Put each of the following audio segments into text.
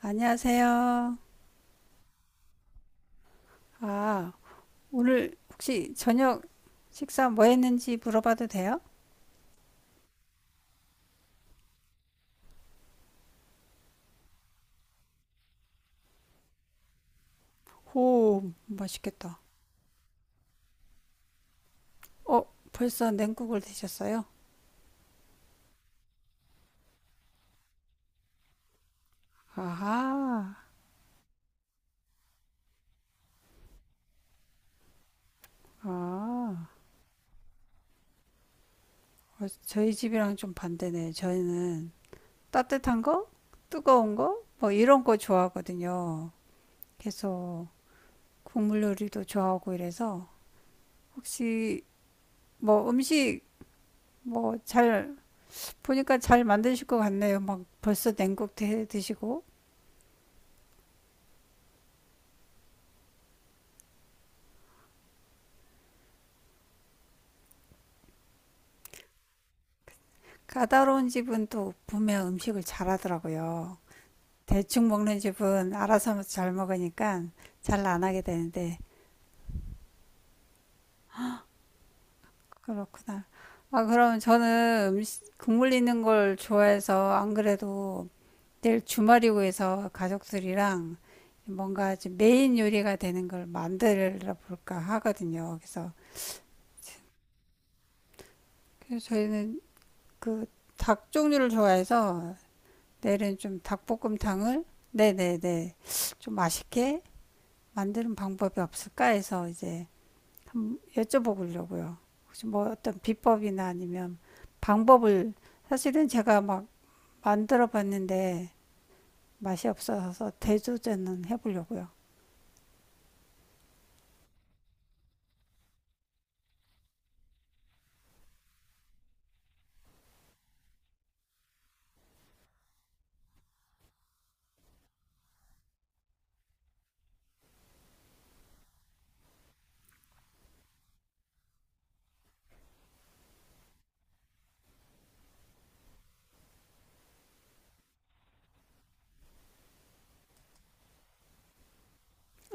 안녕하세요. 아, 오늘 혹시 저녁 식사 뭐 했는지 물어봐도 돼요? 오, 맛있겠다. 어, 벌써 냉국을 드셨어요? 아하, 아, 어, 저희 집이랑 좀 반대네. 저희는 따뜻한 거, 뜨거운 거, 뭐 이런 거 좋아하거든요. 계속 국물 요리도 좋아하고 이래서 혹시 뭐 음식 뭐 잘 보니까 잘 만드실 것 같네요. 막 벌써 냉국 드시고. 까다로운 집은 또 분명 음식을 잘하더라고요. 대충 먹는 집은 알아서 잘 먹으니까 잘 안 하게 되는데 그렇구나. 아 그럼 저는 음식, 국물 있는 걸 좋아해서 안 그래도 내일 주말이고 해서 가족들이랑 뭔가 좀 메인 요리가 되는 걸 만들어 볼까 하거든요. 그래서 저희는 그 닭 종류를 좋아해서 내일은 좀 닭볶음탕을 네네네 좀 맛있게 만드는 방법이 없을까 해서 이제 한번 여쭤보려고요. 혹시 뭐 어떤 비법이나 아니면 방법을 사실은 제가 막 만들어 봤는데 맛이 없어서 대조제는 해보려고요.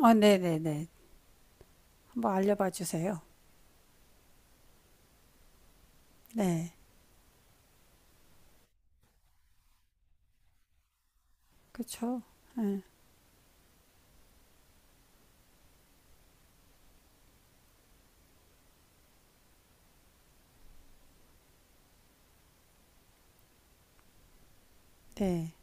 어, 네네네. 한번 알려봐 주세요. 네. 그쵸. 네. 네.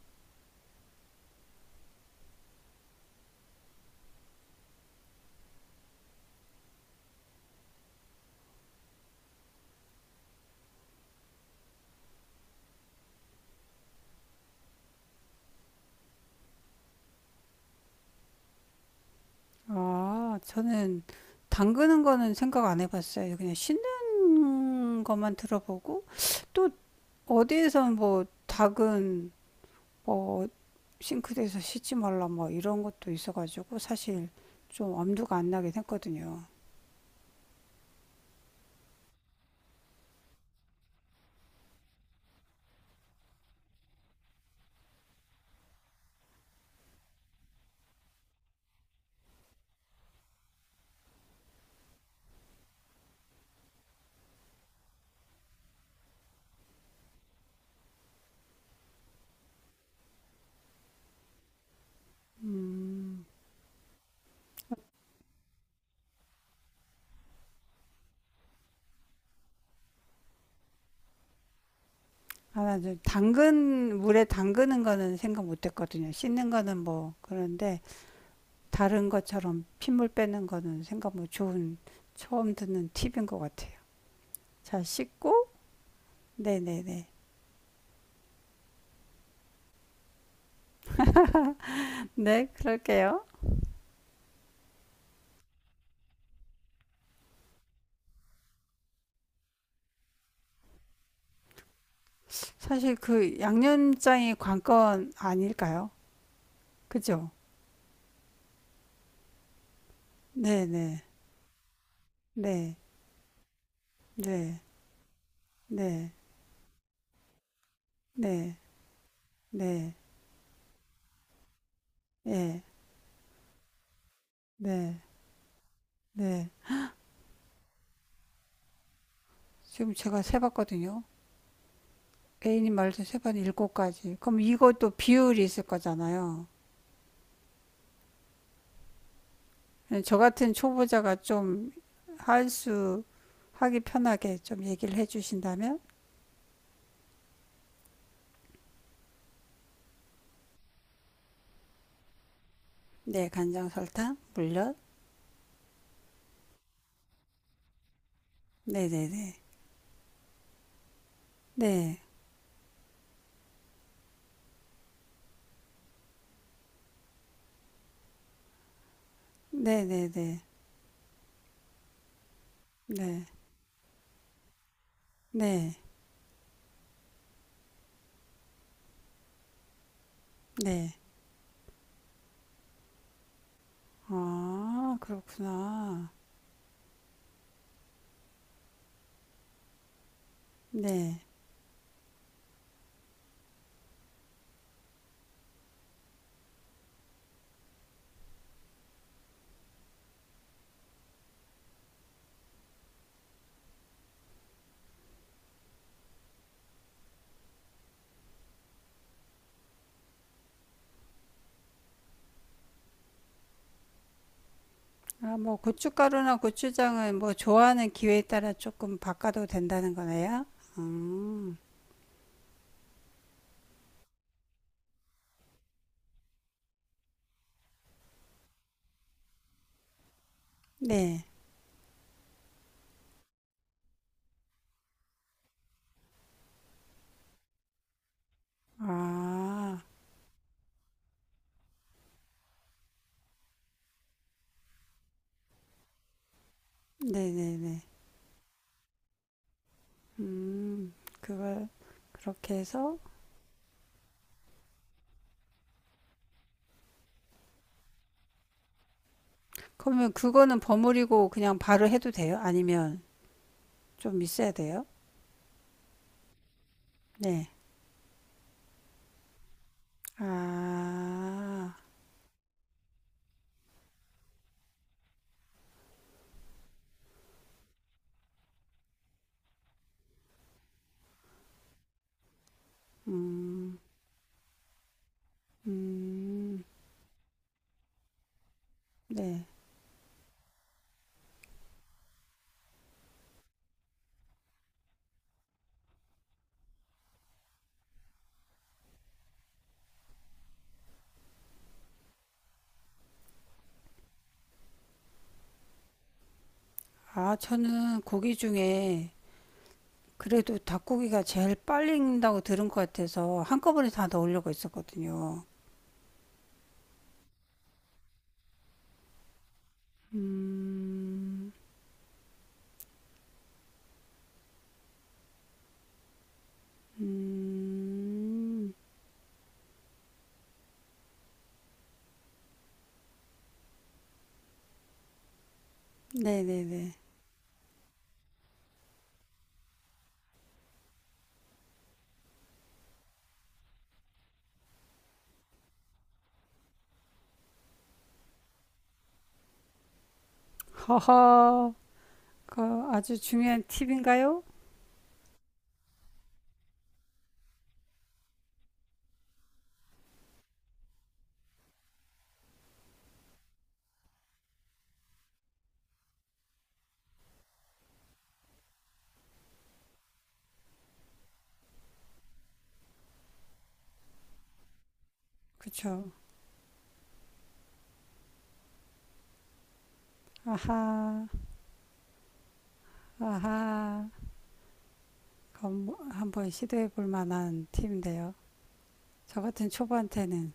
아, 저는 담그는 거는 생각 안 해봤어요. 그냥 씻는 것만 들어보고 또 어디에서 뭐 닭은 뭐 싱크대에서 씻지 말라 뭐 이런 것도 있어가지고 사실 좀 엄두가 안 나긴 했거든요. 음, 아, 나이 당근 물에 담그는 거는 생각 못 했거든요. 씻는 거는 뭐 그런데 다른 것처럼 핏물 빼는 거는 생각 못 좋은 처음 듣는 팁인 것 같아요. 자, 씻고 네네네. 네, 그럴게요. 사실 그 양념장이 관건 아닐까요? 그죠? 네네. 네. 네. 네. 네. 네, 예, 네, 네. 지금 제가 세봤거든요. A님 말서세 번 7가지. 그럼 이것도 비율이 있을 거잖아요. 저 같은 초보자가 좀 할 수, 하기 편하게 좀 얘기를 해주신다면? 네, 간장, 설탕, 물엿. 네네네. 네, 네네네. 네, 네, 네. 네. 네, 네, 네. 아, 그렇구나. 네. 아, 뭐 고춧가루나 고추장은 뭐 좋아하는 기회에 따라 조금 바꿔도 된다는 거네요. 음, 네. 아, 네네네. 음, 그걸 그렇게 해서 그러면 그거는 버무리고 그냥 바로 해도 돼요? 아니면 좀 있어야 돼요? 네. 아, 음, 음, 네. 아, 저는 고기 중에 그래도 닭고기가 제일 빨리 익는다고 들은 것 같아서 한꺼번에 다 넣으려고 했었거든요. 음, 음, 네네네. 허허, 그 아주 중요한 팁인가요? 그쵸. 아하, 아하. 그건 뭐 한번 시도해 볼 만한 팁인데요. 저 같은 초보한테는.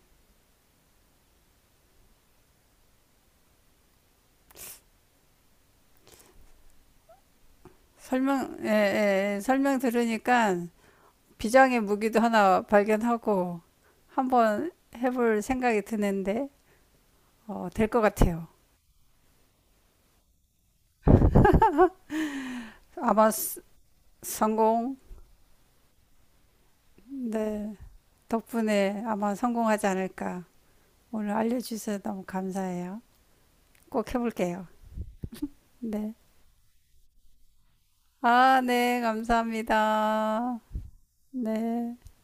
설명, 예, 예, 예. 설명 들으니까 비장의 무기도 하나 발견하고 한번 해볼 생각이 드는데, 어, 될 것 같아요. 아마 스- 성공, 네. 덕분에 아마 성공하지 않을까. 오늘 알려주셔서 너무 감사해요. 꼭 해볼게요. 네. 아, 네. 감사합니다. 네.